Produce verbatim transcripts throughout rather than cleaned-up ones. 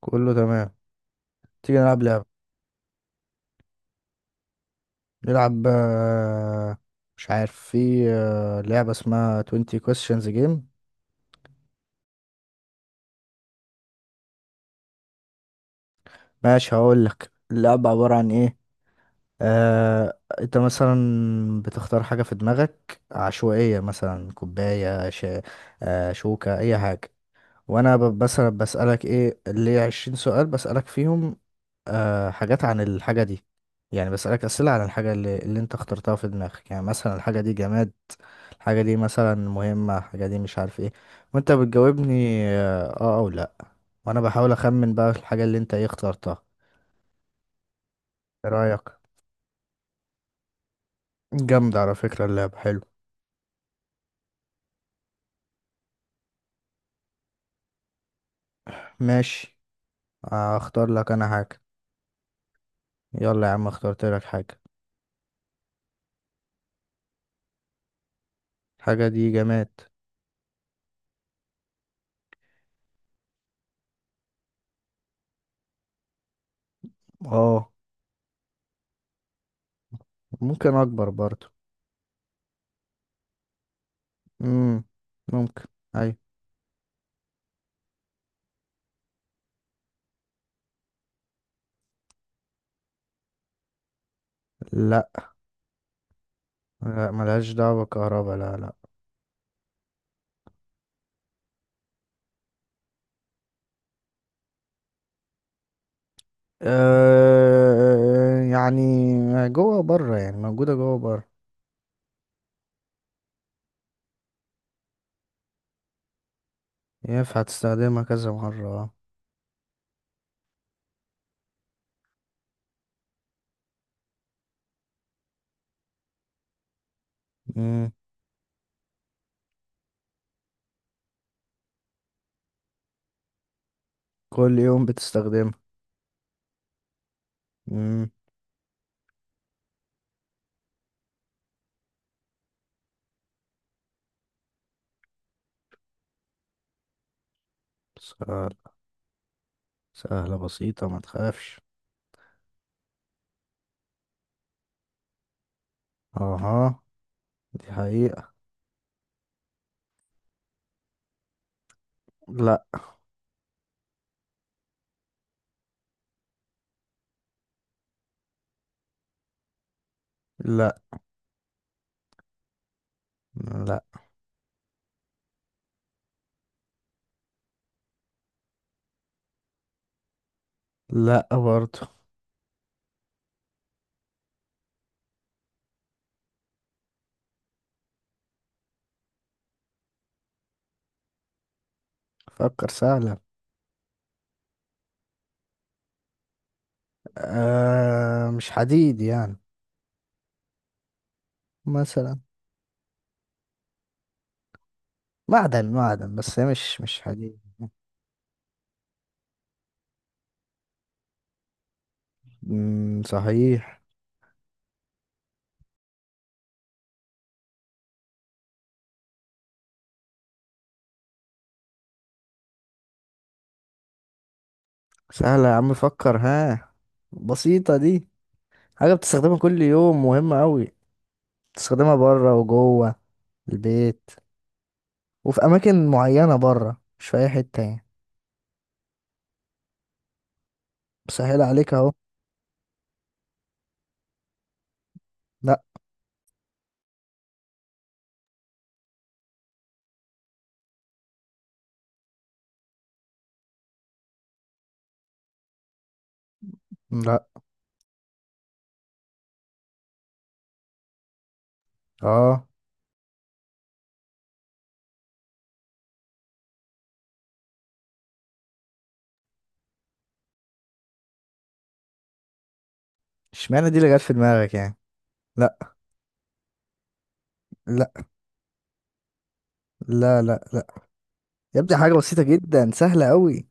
كله تمام. تيجي نلعب لعبة. نلعب، آه، مش عارف في آه، لعبة اسمها twenty questions game. ماشي، هقول لك اللعبة عبارة عن ايه. آه، انت مثلا بتختار حاجة في دماغك عشوائية، مثلا كوباية، ش... آه، شوكة، اي حاجة. وانا ب- مثلا بسألك ايه اللي عشرين سؤال بسألك فيهم، آه حاجات عن الحاجة دي. يعني بسألك أسئلة عن الحاجة اللي, اللي أنت اخترتها في دماغك. يعني مثلا الحاجة دي جماد، الحاجة دي مثلا مهمة، الحاجة دي مش عارف ايه. وأنت بتجاوبني آه, آه أو لأ. وأنا بحاول أخمن بقى الحاجة اللي أنت ايه اخترتها. ايه رأيك؟ جامدة على فكرة اللعبة، حلو. ماشي، اختار لك أنا حاجة. يلا يا عم، اخترت لك حاجة. الحاجة دي جماد، اه. ممكن أكبر برضو. مم. ممكن. أي. لا، لا ملهاش دعوة بالكهرباء، لا لا. أه يعني جوه بره، يعني موجودة جوه بره. ينفع تستخدمها كذا مرة، اه. مم. كل يوم بتستخدمها. مم. سهل، سهلة بسيطة، ما تخافش. اها، دي حقيقة. لا. لا. لا. لا برضه. فكر، سهلة. أه مش حديد يعني. مثلا. معدن معدن، بس هي مش مش حديد. مم. صحيح. سهلة يا عم، فكر ها. بسيطة دي. حاجة بتستخدمها كل يوم، مهمة أوي. بتستخدمها بره وجوه البيت، وفي أماكن معينة بره، مش في أي حتة يعني. بسهل عليك أهو. لأ. لأ. اه. اشمعنى دي اللي جت في دماغك يعني. لأ. لأ. لا لا لأ. يا ابني حاجة بسيطة جدا، سهلة أوي.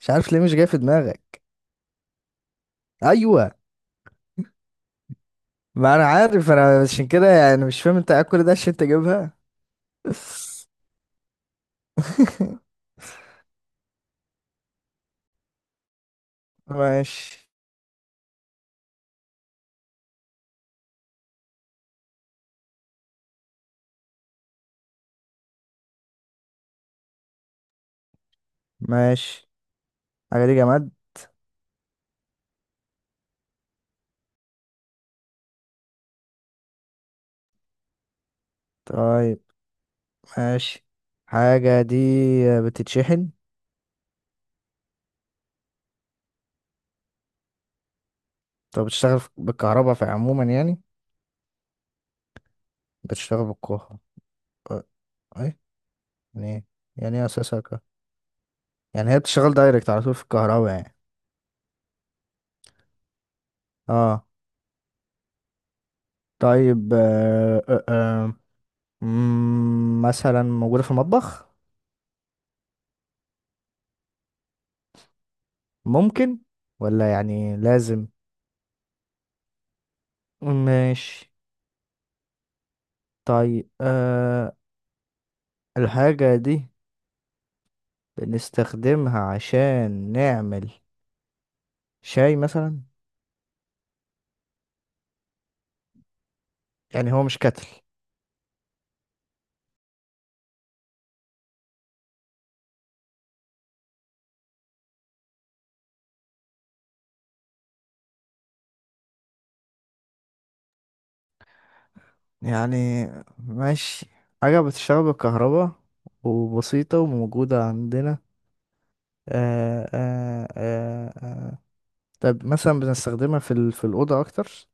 مش عارف ليه مش جاية في دماغك. أيوة. ما أنا عارف، أنا عشان كده يعني مش فاهم أنت قاعد كل ده عشان تجيبها. ماشي. ماشي. حاجة دي جماد. طيب، ماشي. حاجة دي بتتشحن. طب بتشتغل في- بالكهرباء في عموما يعني. بتشتغل بالكهرباء، اه. ايه يعني؟ ايه يعني ايه اساسها كهرباء؟ يعني هي بتشتغل دايركت على طول في الكهرباء يعني. اه. طيب، آه آه آه مم، مثلا موجودة في المطبخ. ممكن. ولا يعني لازم. ماشي. طيب، آه الحاجة دي بنستخدمها عشان نعمل شاي مثلا. يعني هو مش كتل يعني. ماشي. حاجة بتشتغل بالكهرباء وبسيطة وموجودة عندنا. آه آه آه آه. طب مثلا بنستخدمها في ال... في الأوضة أكتر.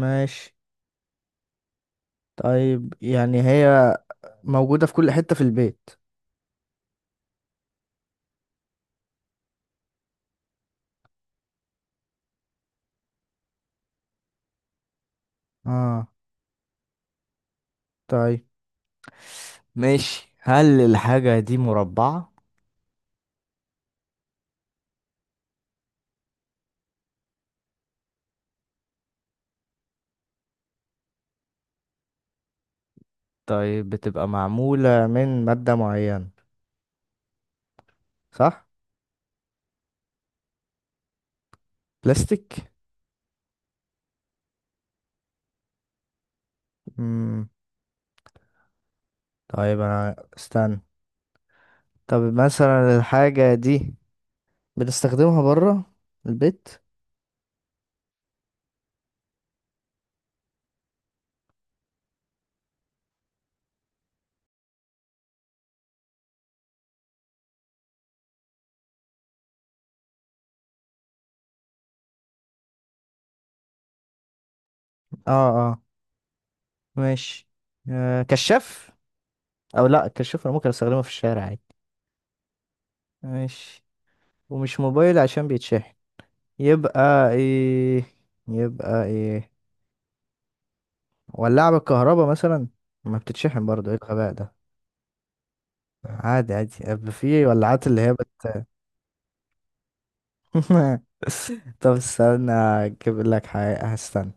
ماشي. طيب يعني هي موجودة في كل حتة في البيت. اه. طيب. ماشي، هل الحاجة دي مربعة؟ طيب، بتبقى معمولة من مادة معينة، صح؟ بلاستيك؟ مم. طيب، أنا استنى. طب مثلا الحاجة دي بنستخدمها بره البيت. اه، اه. ماشي، آه كشاف. او لا، كشاف انا ممكن استخدمه في الشارع عادي. ماشي. ومش موبايل عشان بيتشحن. يبقى ايه؟ يبقى ايه؟ ولاعة بالكهرباء مثلا؟ ما بتتشحن برضه، ايه الغباء ده. عادي، عادي، يبقى في ولاعات اللي هي بت طب استنى، اجيب لك حاجة، هستنى.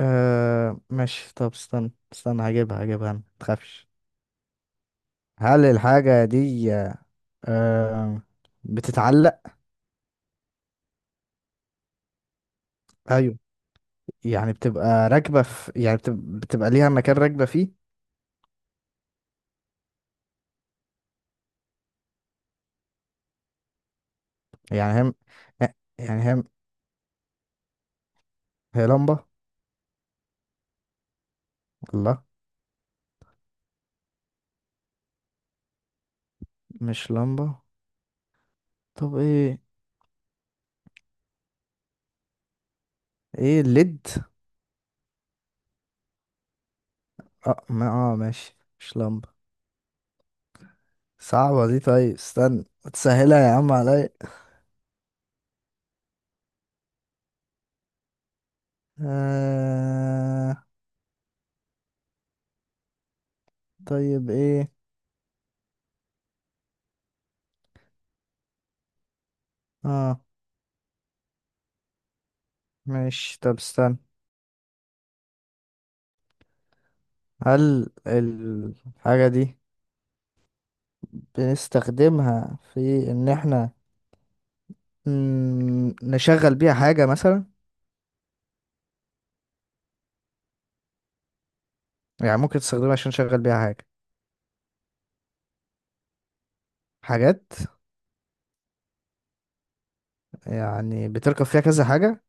أه ماشي. طب استنى استنى هجيبها هجيبها ما تخافش. هل الحاجة دي آه بتتعلق؟ ايوه. يعني بتبقى راكبه في، يعني بتبقى, بتبقى ليها مكان راكبه فيه. يعني هم. يعني هم. هي لمبه. الله. مش لمبه. طب ايه؟ ايه الليد؟ اه، ما اه، ماشي، مش لمبه. صعبه دي، طيب استنى. تسهلها يا عم عليا. آه طيب ايه. اه ماشي، طب استنى. هل الحاجه دي بنستخدمها في ان احنا مم، نشغل بيها حاجة مثلا. يعني ممكن تستخدمها عشان نشغل بيها حاجة. حاجات. يعني بتركب فيها كذا حاجة.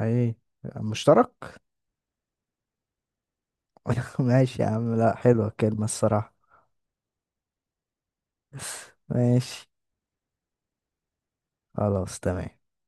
ايه، مشترك. ماشي يا عم، لا حلوة الكلمة الصراحة. ماشي. خلاص تمام.